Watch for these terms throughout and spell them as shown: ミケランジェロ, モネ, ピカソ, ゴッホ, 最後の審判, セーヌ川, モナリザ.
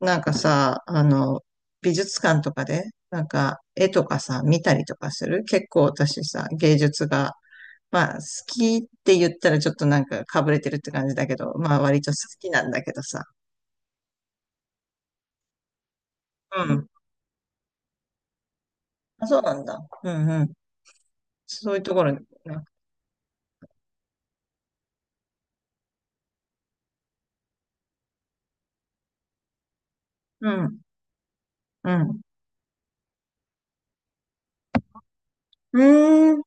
なんかさ、あの、美術館とかで、なんか絵とかさ、見たりとかする、結構私さ、芸術が、まあ好きって言ったらちょっとなんかかぶれてるって感じだけど、まあ割と好きなんだけどさ。うん。あ、そうなんだ。うんうん。そういうところに、うん。うん。うーん。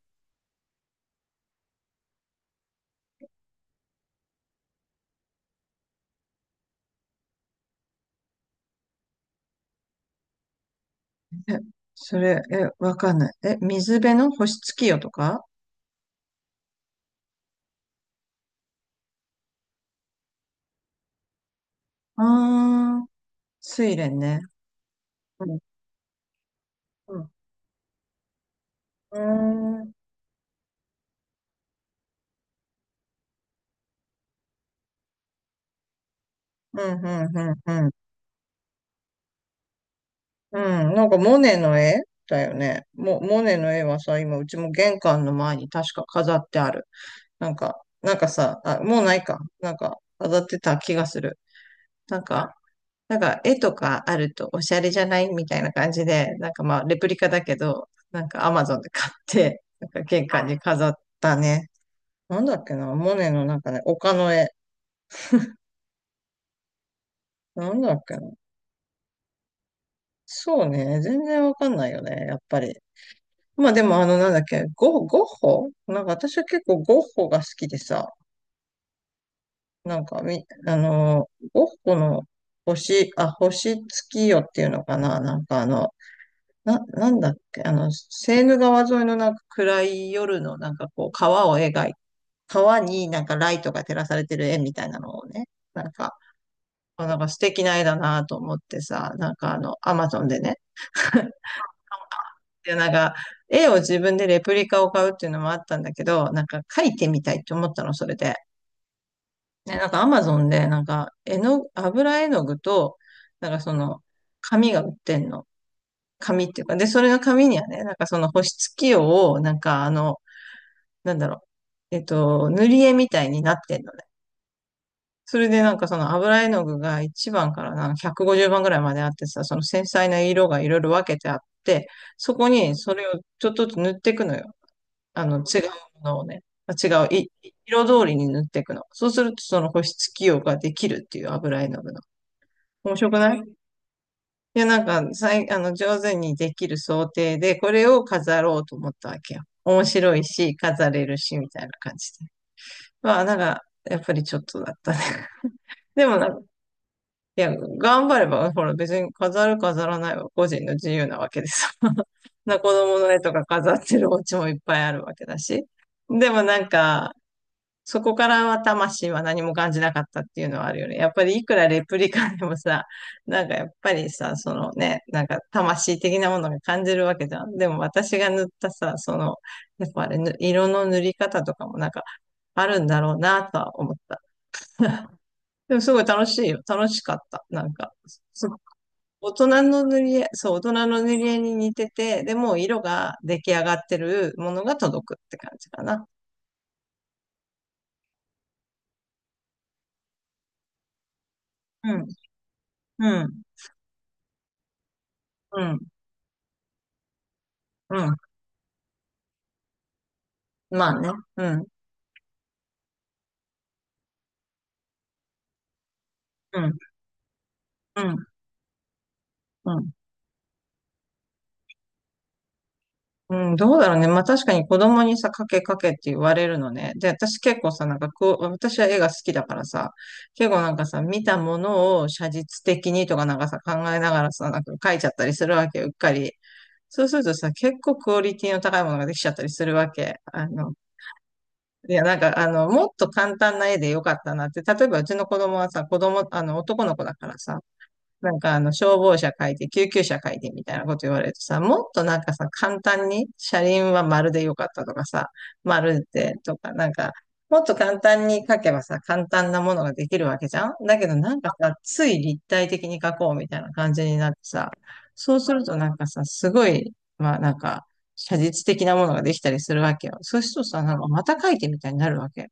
え、それ、え、わかんない。え、水辺の星月夜とか。ああー、睡蓮ね。うん。うん。うーん。うん、うん、うん、うん。うん、なんかモネの絵だよね。モネの絵はさ、今うちも玄関の前に確か飾ってある。なんか、あ、もうないか。なんか飾ってた気がする。なんか、なんか絵とかあるとおしゃれじゃないみたいな感じで、なんかまあレプリカだけど、なんかアマゾンで買って、なんか玄関に飾ったね。なんだっけな、モネのなんかね、丘の絵。なんだっけな。そうね、全然わかんないよね、やっぱり。まあでもあのなんだっけ、ゴッホなんか私は結構ゴッホが好きでさ、なんかみ、あのー、ゴッホのあ、星月夜っていうのかな、なんかあの、なんだっけ、あの、セーヌ川沿いのなんか暗い夜のなんかこう川を描い、川になんかライトが照らされてる絵みたいなのをね、なんか、あ、なんか素敵な絵だなと思ってさ、なんかあの、アマゾンでね、で、なんか、絵を自分でレプリカを買うっていうのもあったんだけど、なんか描いてみたいって思ったの、それで。ね、なんかアマゾンで、なんか、絵の、油絵の具と、なんかその、紙が売ってんの。紙っていうか、で、それの紙にはね、なんかその保湿器用を、なんかあの、なんだろう、えっと、塗り絵みたいになってんのね。それでなんかその油絵の具が1番からなんか150番ぐらいまであってさ、その繊細な色がいろいろ分けてあって、そこにそれをちょっとずつ塗っていくのよ。あの、違うものをね、あ違う、色通りに塗っていくの。そうすると、その保湿器用ができるっていう油絵の具の。面白くない？いや、なんか、あの、上手にできる想定で、これを飾ろうと思ったわけよ。面白いし、飾れるし、みたいな感じで。まあ、なんか、やっぱりちょっとだったね。でもなんか、いや、頑張れば、ほら、別に飾る飾らないは個人の自由なわけですよ。子供の絵とか飾ってるお家もいっぱいあるわけだし。でもなんか、そこからは魂は何も感じなかったっていうのはあるよね。やっぱりいくらレプリカでもさ、なんかやっぱりさ、そのね、なんか魂的なものが感じるわけじゃん。でも私が塗ったさ、その、やっぱあれ、色の塗り方とかもなんかあるんだろうなとは思った。でもすごい楽しいよ。楽しかった。なんか、そ大人の塗り絵、そう、大人の塗り絵に似てて、でも色が出来上がってるものが届くって感じかな。うん、うん、うん、うん。まあね。うん。うん。うん。うん。うん、どうだろうね。まあ確かに子供にさ、かけかけって言われるのね。で、私結構さ、なんかこう、私は絵が好きだからさ、結構なんかさ、見たものを写実的にとかなんかさ、考えながらさ、なんか描いちゃったりするわけよ、うっかり。そうするとさ、結構クオリティの高いものができちゃったりするわけ。あの、いや、なんか、あの、もっと簡単な絵でよかったなって。例えば、うちの子供はさ、子供、あの、男の子だからさ、なんかあの消防車書いて、救急車書いてみたいなこと言われるとさ、もっとなんかさ、簡単に車輪は丸でよかったとかさ、丸でとか、なんか、もっと簡単に書けばさ、簡単なものができるわけじゃん、だけどなんかさ、つい立体的に書こうみたいな感じになってさ、そうするとなんかさ、すごい、まあなんか、写実的なものができたりするわけよ。そうするとさ、なんかまた書いてみたいになるわけ。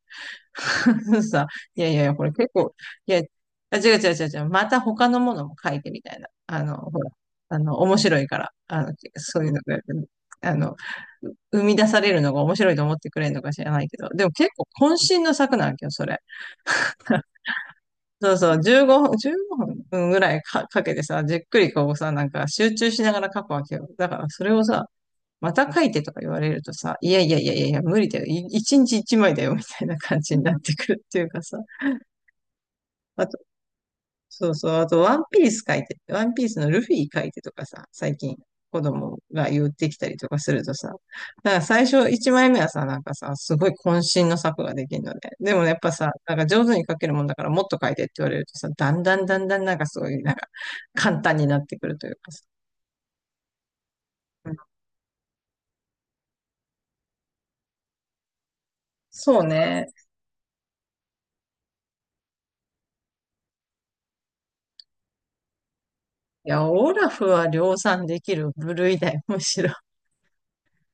さ、いやいやいや、これ結構、いや、あ、違う違う違う違う、また他のものも書いてみたいな。あの、ほら、あの、面白いから、あの、そういうのが、あの、生み出されるのが面白いと思ってくれるのか知らないけど、でも結構渾身の作なんけど、それ。そうそう、15分、15分ぐらいか、かけてさ、じっくりこうさ、なんか集中しながら書くわけよ。だからそれをさ、また書いてとか言われるとさ、いやいやいやいやいや、無理だよ。一日一枚だよ、みたいな感じになってくるっていうかさ、そうそう。あと、ワンピース描いて、ワンピースのルフィ描いてとかさ、最近子供が言ってきたりとかするとさ、だから最初1枚目はさ、なんかさ、すごい渾身の作ができるので、でもやっぱさ、なんか上手に描けるもんだからもっと描いてって言われるとさ、だんだんだんだんなんかすごい、なんか簡単になってくるというかさ。うん、そうね。いや、オラフは量産できる部類だよ、むしろ。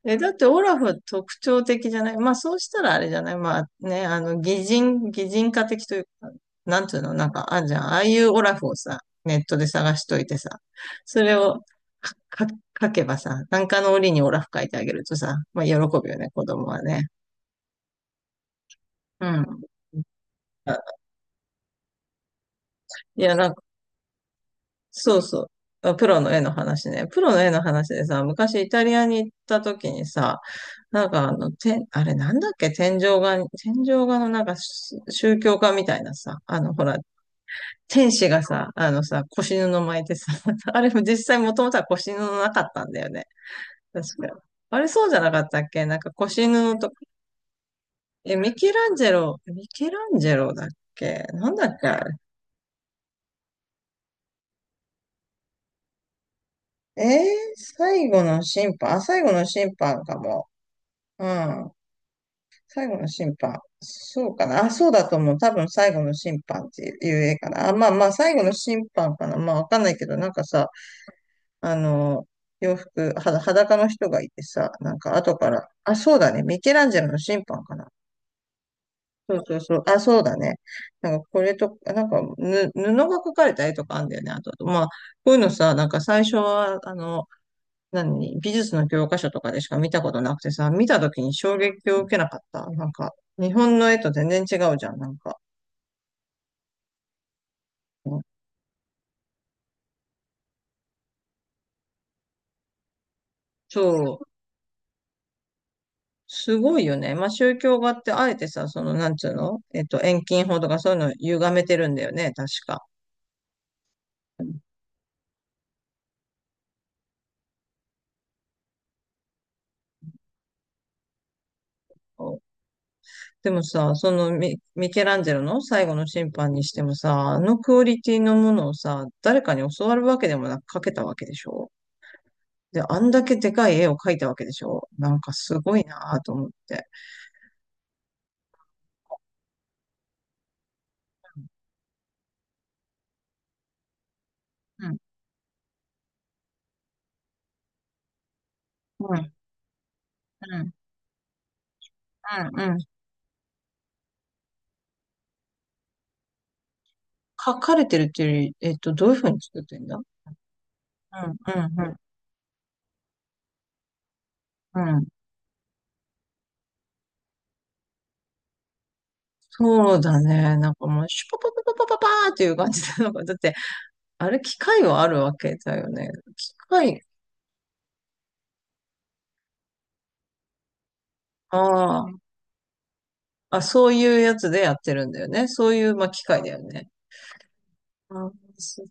え、だってオラフは特徴的じゃない。まあそうしたらあれじゃない。まあね、あの、擬人化的というか、なんていうの、なんかあんじゃん。ああいうオラフをさ、ネットで探しといてさ、それをか、か、書けばさ、なんかの折にオラフ書いてあげるとさ、まあ喜ぶよね、子供はね。うん。いや、なんかそうそう。あ、プロの絵の話ね。プロの絵の話でさ、昔イタリアに行った時にさ、なんかあの、て、あれなんだっけ、天井画、天井画のなんか、し宗教画みたいなさ、あのほら、天使がさ、あのさ、腰布巻いてさ、あれも実際もともとは腰布なかったんだよね。確か。あれそうじゃなかったっけ、なんか腰布と。え、ミケランジェロ、ミケランジェロだっけ、なんだっけあれ。えー、最後の審判、あ、最後の審判かも。うん。最後の審判。そうかな。あ、そうだと思う。多分最後の審判っていう映画かな。あ、まあまあ、最後の審判かな。まあわかんないけど、なんかさ、あの、洋服、は、裸の人がいてさ、なんか後から、あ、そうだね。ミケランジェロの審判かな。そうそうそう。あ、そうだね。なんかこれと、なんかぬ、布が描かれた絵とかあんだよね。あと、まあ、こういうのさ、なんか最初は、あの、何、美術の教科書とかでしか見たことなくてさ、見た時に衝撃を受けなかった。なんか、日本の絵と全然違うじゃん、なんか。そう、すごいよね。まあ、宗教画ってあえてさ、その、なんつうの、えっと、遠近法とかそういうのを歪めてるんだよね、確か。でもさ、そのミケランジェロの最後の審判にしてもさ、あのクオリティのものをさ、誰かに教わるわけでもなく描けたわけでしょ？で、あんだけでかい絵を描いたわけでしょ、なんかすごいなぁと思って。うん。うん、うん、うん。書かれてるっていうより、えっと、どういうふうに作ってんだ？うん、うん、うん、うん、そうだね。なんかもう、シュパパパパパパーっていう感じで、なんか、だって、あれ、機械はあるわけだよね。機械、ああ、あ、そういうやつでやってるんだよね。そういう、まあ、機械だよね。あー、そ、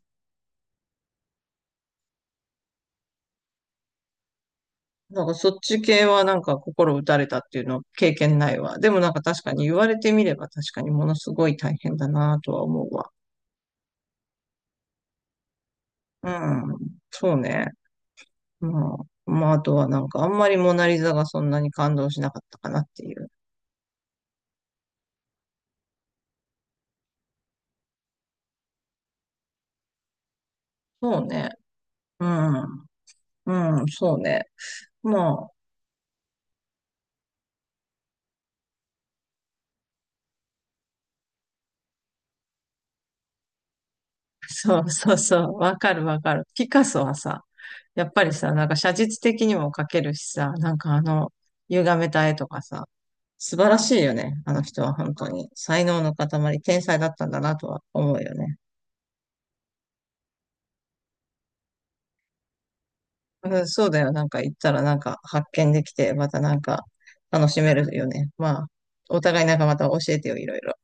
なんか、そっち系はなんか、心打たれたっていうの経験ないわ。でもなんか、確かに言われてみれば、確かにものすごい大変だなとは思うわ。うん、そうね。ままあ、あとはなんかあんまりモナリザがそんなに感動しなかったかなっていう。そうね。うん。うん、そうね。もう、そうそうそう。わかるわかる。ピカソはさ、やっぱりさ、なんか写実的にも描けるしさ、なんかあの、歪めた絵とかさ、素晴らしいよね。あの人は本当に。才能の塊、天才だったんだなとは思うよね。うん、そうだよ。なんか行ったらなんか発見できて、またなんか楽しめるよね。まあ、お互いなんかまた教えてよ、いろいろ。